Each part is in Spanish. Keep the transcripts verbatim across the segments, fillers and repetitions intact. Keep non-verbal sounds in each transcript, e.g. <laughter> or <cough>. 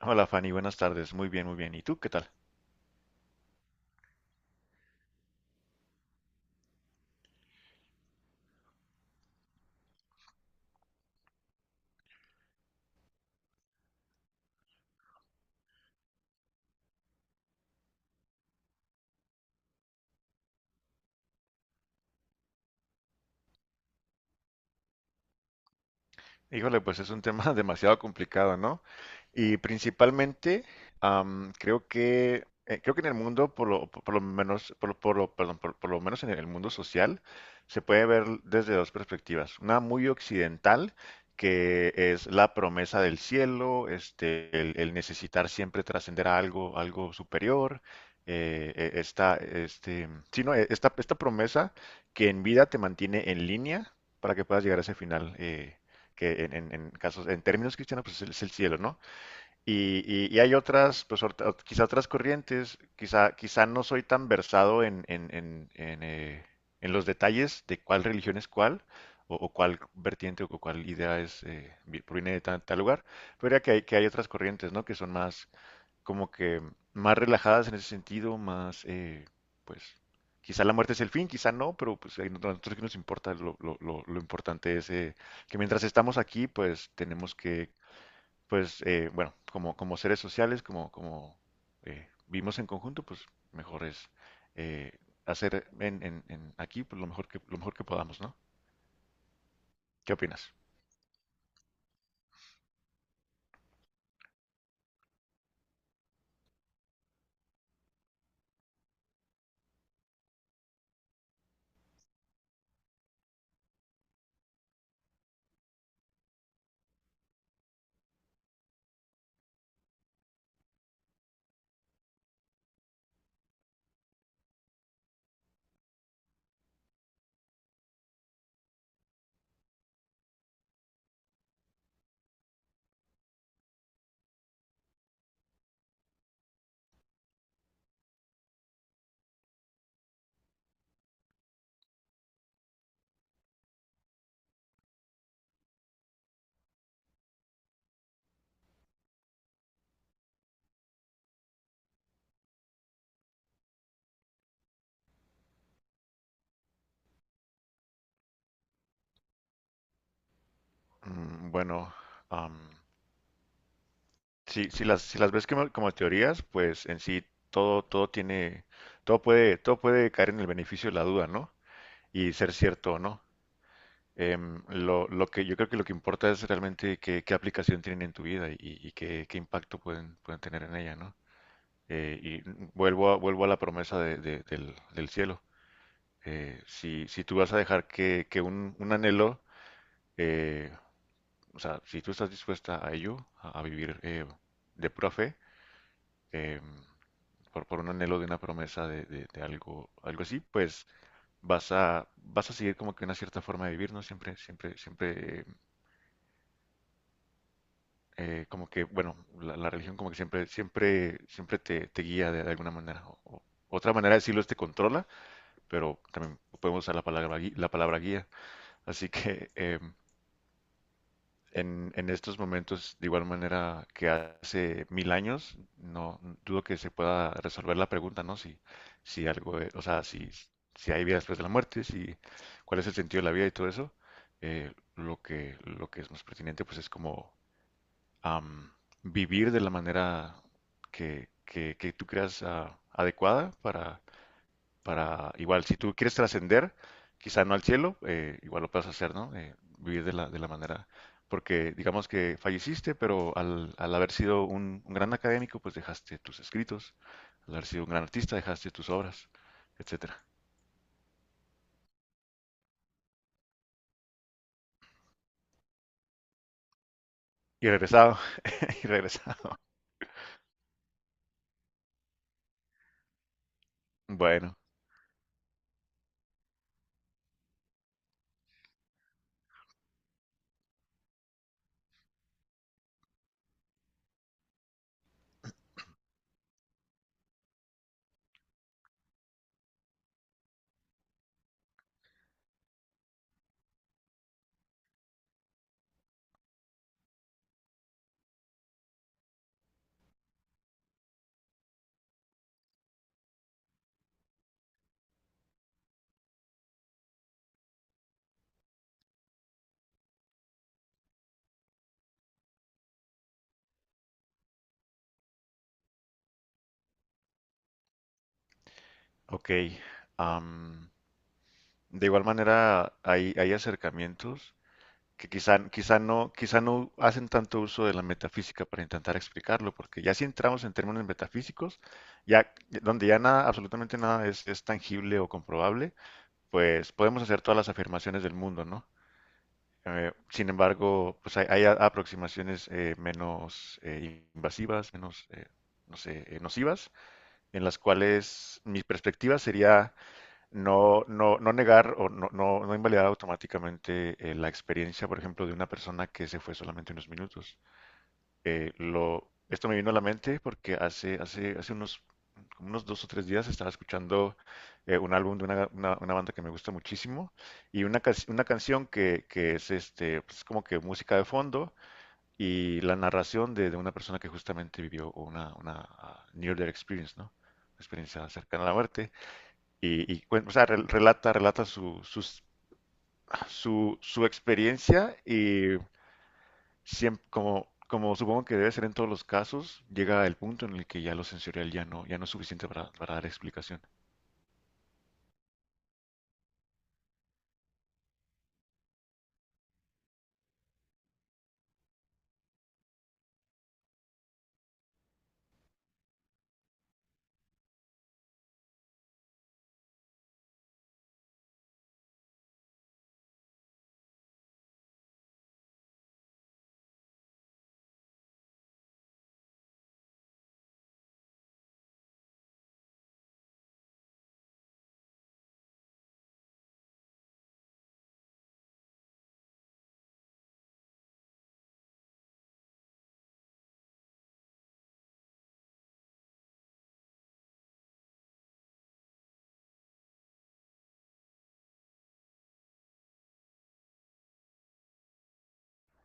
Hola Fanny, buenas tardes. Muy bien, muy bien. ¿Y tú qué tal? Híjole, pues es un tema <laughs> demasiado complicado, ¿no? Y principalmente, am, creo que eh, creo que en el mundo, por lo, por lo menos, por lo, por lo- perdón, por, por lo menos en el mundo social, se puede ver desde dos perspectivas. Una muy occidental, que es la promesa del cielo, este, el, el necesitar siempre trascender a algo, algo superior. eh, eh, esta, este, sí, no, eh, esta, esta promesa que en vida te mantiene en línea para que puedas llegar a ese final. eh, que en, en- en casos, en términos cristianos, pues es el cielo, ¿no? Y, y- y hay otras, pues ort- quizá otras corrientes, quizá, quizá no soy tan versado en, en- en- en, eh, en los detalles de cuál religión es cuál, o, o cuál vertiente o cuál idea es, eh, vi- proviene de tal, tal lugar, pero ya que hay, que hay otras corrientes, ¿no? Que son más, como que más relajadas en ese sentido, más, eh, pues, quizá la muerte es el fin, quizá no, pero pues a nosotros que nos importa. Lo, lo, lo- lo importante es eh, que mientras estamos aquí, pues tenemos que, pues, eh, bueno, como, como seres sociales, como, como eh, vivimos en conjunto, pues mejor es eh, hacer en, en- en aquí, pues, lo mejor que, lo mejor que podamos, ¿no? ¿Qué opinas? Mm, bueno, am, Si, si las, si las ves como, como teorías, pues en sí todo, todo tiene, todo puede, todo puede caer en el beneficio de la duda, ¿no? Y ser cierto o no. Em, lo, lo que yo creo que lo que importa es realmente qué, qué aplicación tienen en tu vida y, y qué, qué impacto pueden, pueden tener en ella, ¿no? Eh, y vuelvo a, vuelvo a la promesa de- de- del, del cielo. Eh, si, si tú vas a dejar que, que un, un anhelo, eh, o sea, si tú estás dispuesta a ello, a, a vivir eh, de pura fe, em, por, por un anhelo de una promesa de, de- de algo, algo así, pues vas a, vas a seguir como que una cierta forma de vivir, ¿no? Siempre, siempre, siempre, eh, como que, bueno, la, la religión como que siempre, siempre, siempre te, te guía de, de alguna manera. O, o- otra manera de decirlo es te controla, pero también podemos usar la palabra, gui- la palabra guía. Así que, em, en, en estos momentos, de igual manera que hace mil años, no dudo que se pueda resolver la pregunta, ¿no? Si, si algo, eh, o sea, si, si hay vida después de la muerte, si cuál es el sentido de la vida y todo eso. eh, lo que, lo que es más pertinente, pues es como am, vivir de la manera que, que, que tú creas ah, adecuada para para igual, si tú quieres trascender, quizá no al cielo, eh, igual lo puedes hacer, ¿no? Eh, vivir de la, de la manera, porque digamos que falleciste, pero al, al haber sido un, un gran académico, pues dejaste tus escritos, al haber sido un gran artista, dejaste tus obras, etcétera. Y regresado, <laughs> y regresado. Bueno, ok. Am, de igual manera, hay, hay acercamientos que quizá, quizá no, quizá no hacen tanto uso de la metafísica para intentar explicarlo, porque ya si entramos en términos metafísicos, ya donde ya nada, absolutamente nada es, es tangible o comprobable, pues podemos hacer todas las afirmaciones del mundo, ¿no? Eh, sin embargo, pues hay, hay a- aproximaciones eh, menos eh, invasivas, menos, eh, no sé, eh, nocivas, en las cuales mi perspectiva sería no, no, no negar o no, no, no invalidar automáticamente eh, la experiencia, por ejemplo, de una persona que se fue solamente unos minutos. Eh, lo, esto me vino a la mente porque hace, hace, hace unos, como unos dos o tres días estaba escuchando eh, un álbum de una, una- una banda que me gusta muchísimo y una, ca- una canción que, que es este, pues, como que música de fondo y la narración de, de una persona que justamente vivió una, una ah, near death experience, ¿no? Experiencia cercana a la muerte. Y, y cuen- o sea, rel- relata, relata su, sus- su, su experiencia y siem- como, como supongo que debe ser en todos los casos, llega el punto en el que ya lo sensorial ya no, ya no es suficiente para, para dar explicación.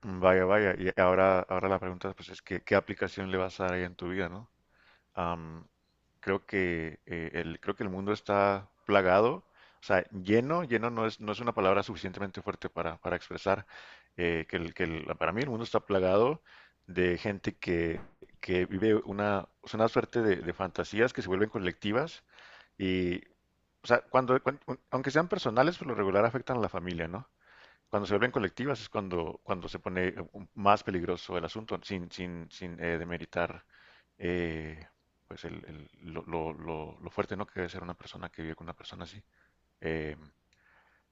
Vaya, vaya, y ahora, ahora la pregunta, pues, es que ¿qué aplicación le vas a dar ahí en tu vida, ¿no? Am, Creo que, eh, el, creo que el mundo está plagado, o sea, lleno, lleno no es, no es una palabra suficientemente fuerte para, para expresar, eh, que, el, que el- para mí el mundo está plagado de gente que, que vive una, o sea, una suerte de, de fantasías que se vuelven colectivas y, o sea, cuando, cuan- aunque sean personales, por lo regular afectan a la familia, ¿no? Cuando se vuelven colectivas es cuando, cuando se pone eh, un- más peligroso el asunto, sin, sin, sin eh, demeritar eh, pues el, el- lo, lo- lo- lo fuerte, ¿no? Que debe ser una persona que vive con una persona así. Eh,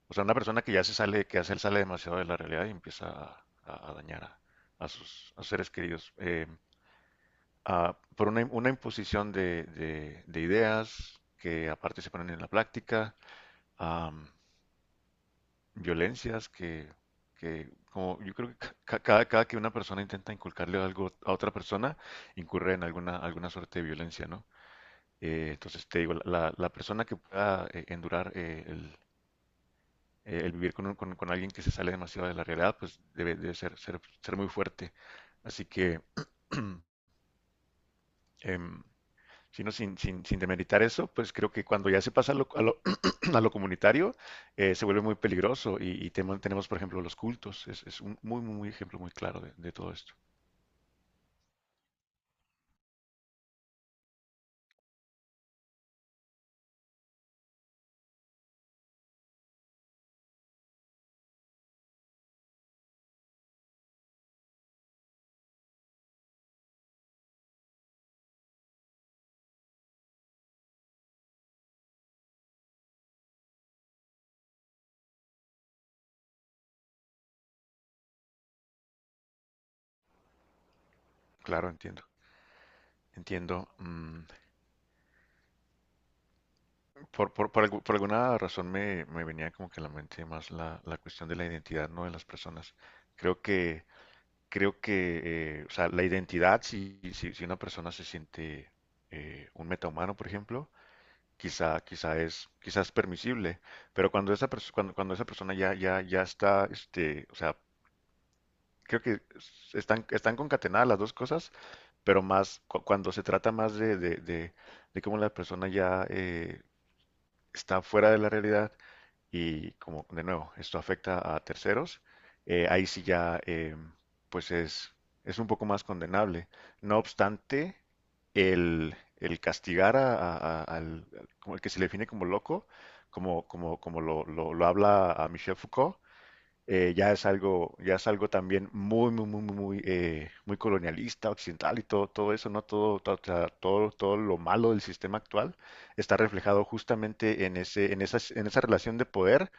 o sea, una persona que ya se sale, que ya se sale demasiado de la realidad y empieza a, a- a dañar a, a sus, a sus seres queridos. Eh, ah, por una, una imposición de, de- de ideas que aparte se ponen en la práctica. Violencias que, que como yo creo que ca- ca- cada, cada que una persona intenta inculcarle algo a otra persona, incurre en alguna, alguna suerte de violencia, ¿no? Eh, entonces te digo, la, la persona que pueda eh, endurar eh, el, eh, el vivir con, un- con- con alguien que se sale demasiado de la realidad, pues debe, debe ser, ser, ser muy fuerte. Así que <clears throat> em, sino sin, sin, sin demeritar eso, pues creo que cuando ya se pasa a lo, a lo, <clears throat> a lo comunitario, eh, se vuelve muy peligroso y, y temo- tenemos, por ejemplo, los cultos. Es, es un muy, muy, muy ejemplo muy claro de, de todo esto. Claro, entiendo. Entiendo. Mm, por, por- por algu- por alguna razón me, me venía como que a la mente más la, la cuestión de la identidad, ¿no? De las personas. Creo que, creo que, eh, o sea, la identidad, si, si, si una persona se siente eh, un metahumano, por ejemplo, quizá, quizá es, quizás permisible, pero cuando esa, pers- cuando, cuando esa persona ya, ya, ya está, este, o sea, creo que s- están, están concatenadas las dos cosas, pero más cu- cuando se trata más de, de, de, de cómo la persona ya eh, está fuera de la realidad y como de nuevo, esto afecta a terceros, eh, ahí sí ya eh, pues es, es un poco más condenable. No obstante, el, el castigar a, a- a- al, al- como el que se le define como loco, como, como, como lo, lo, lo habla a Michel Foucault, eh, ya es algo, ya es algo también muy, muy, muy, muy, muy, eh, muy colonialista, occidental y todo, todo eso, ¿no? Todo, todo, o sea, todo, todo lo malo del sistema actual está reflejado justamente en ese, en esa, en esa relación de poder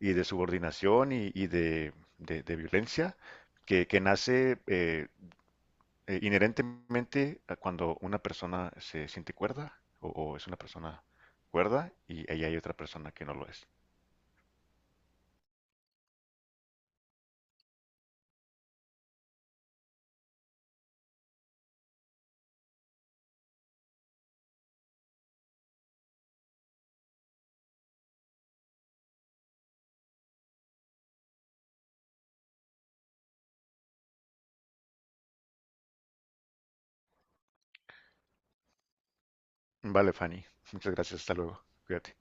y de subordinación y, y de, de- de violencia que, que nace eh, eh, inherentemente a cuando una persona se siente cuerda o, o es una persona cuerda y ella hay otra persona que no lo es. Vale, Fanny. Muchas gracias. Hasta luego. Cuídate.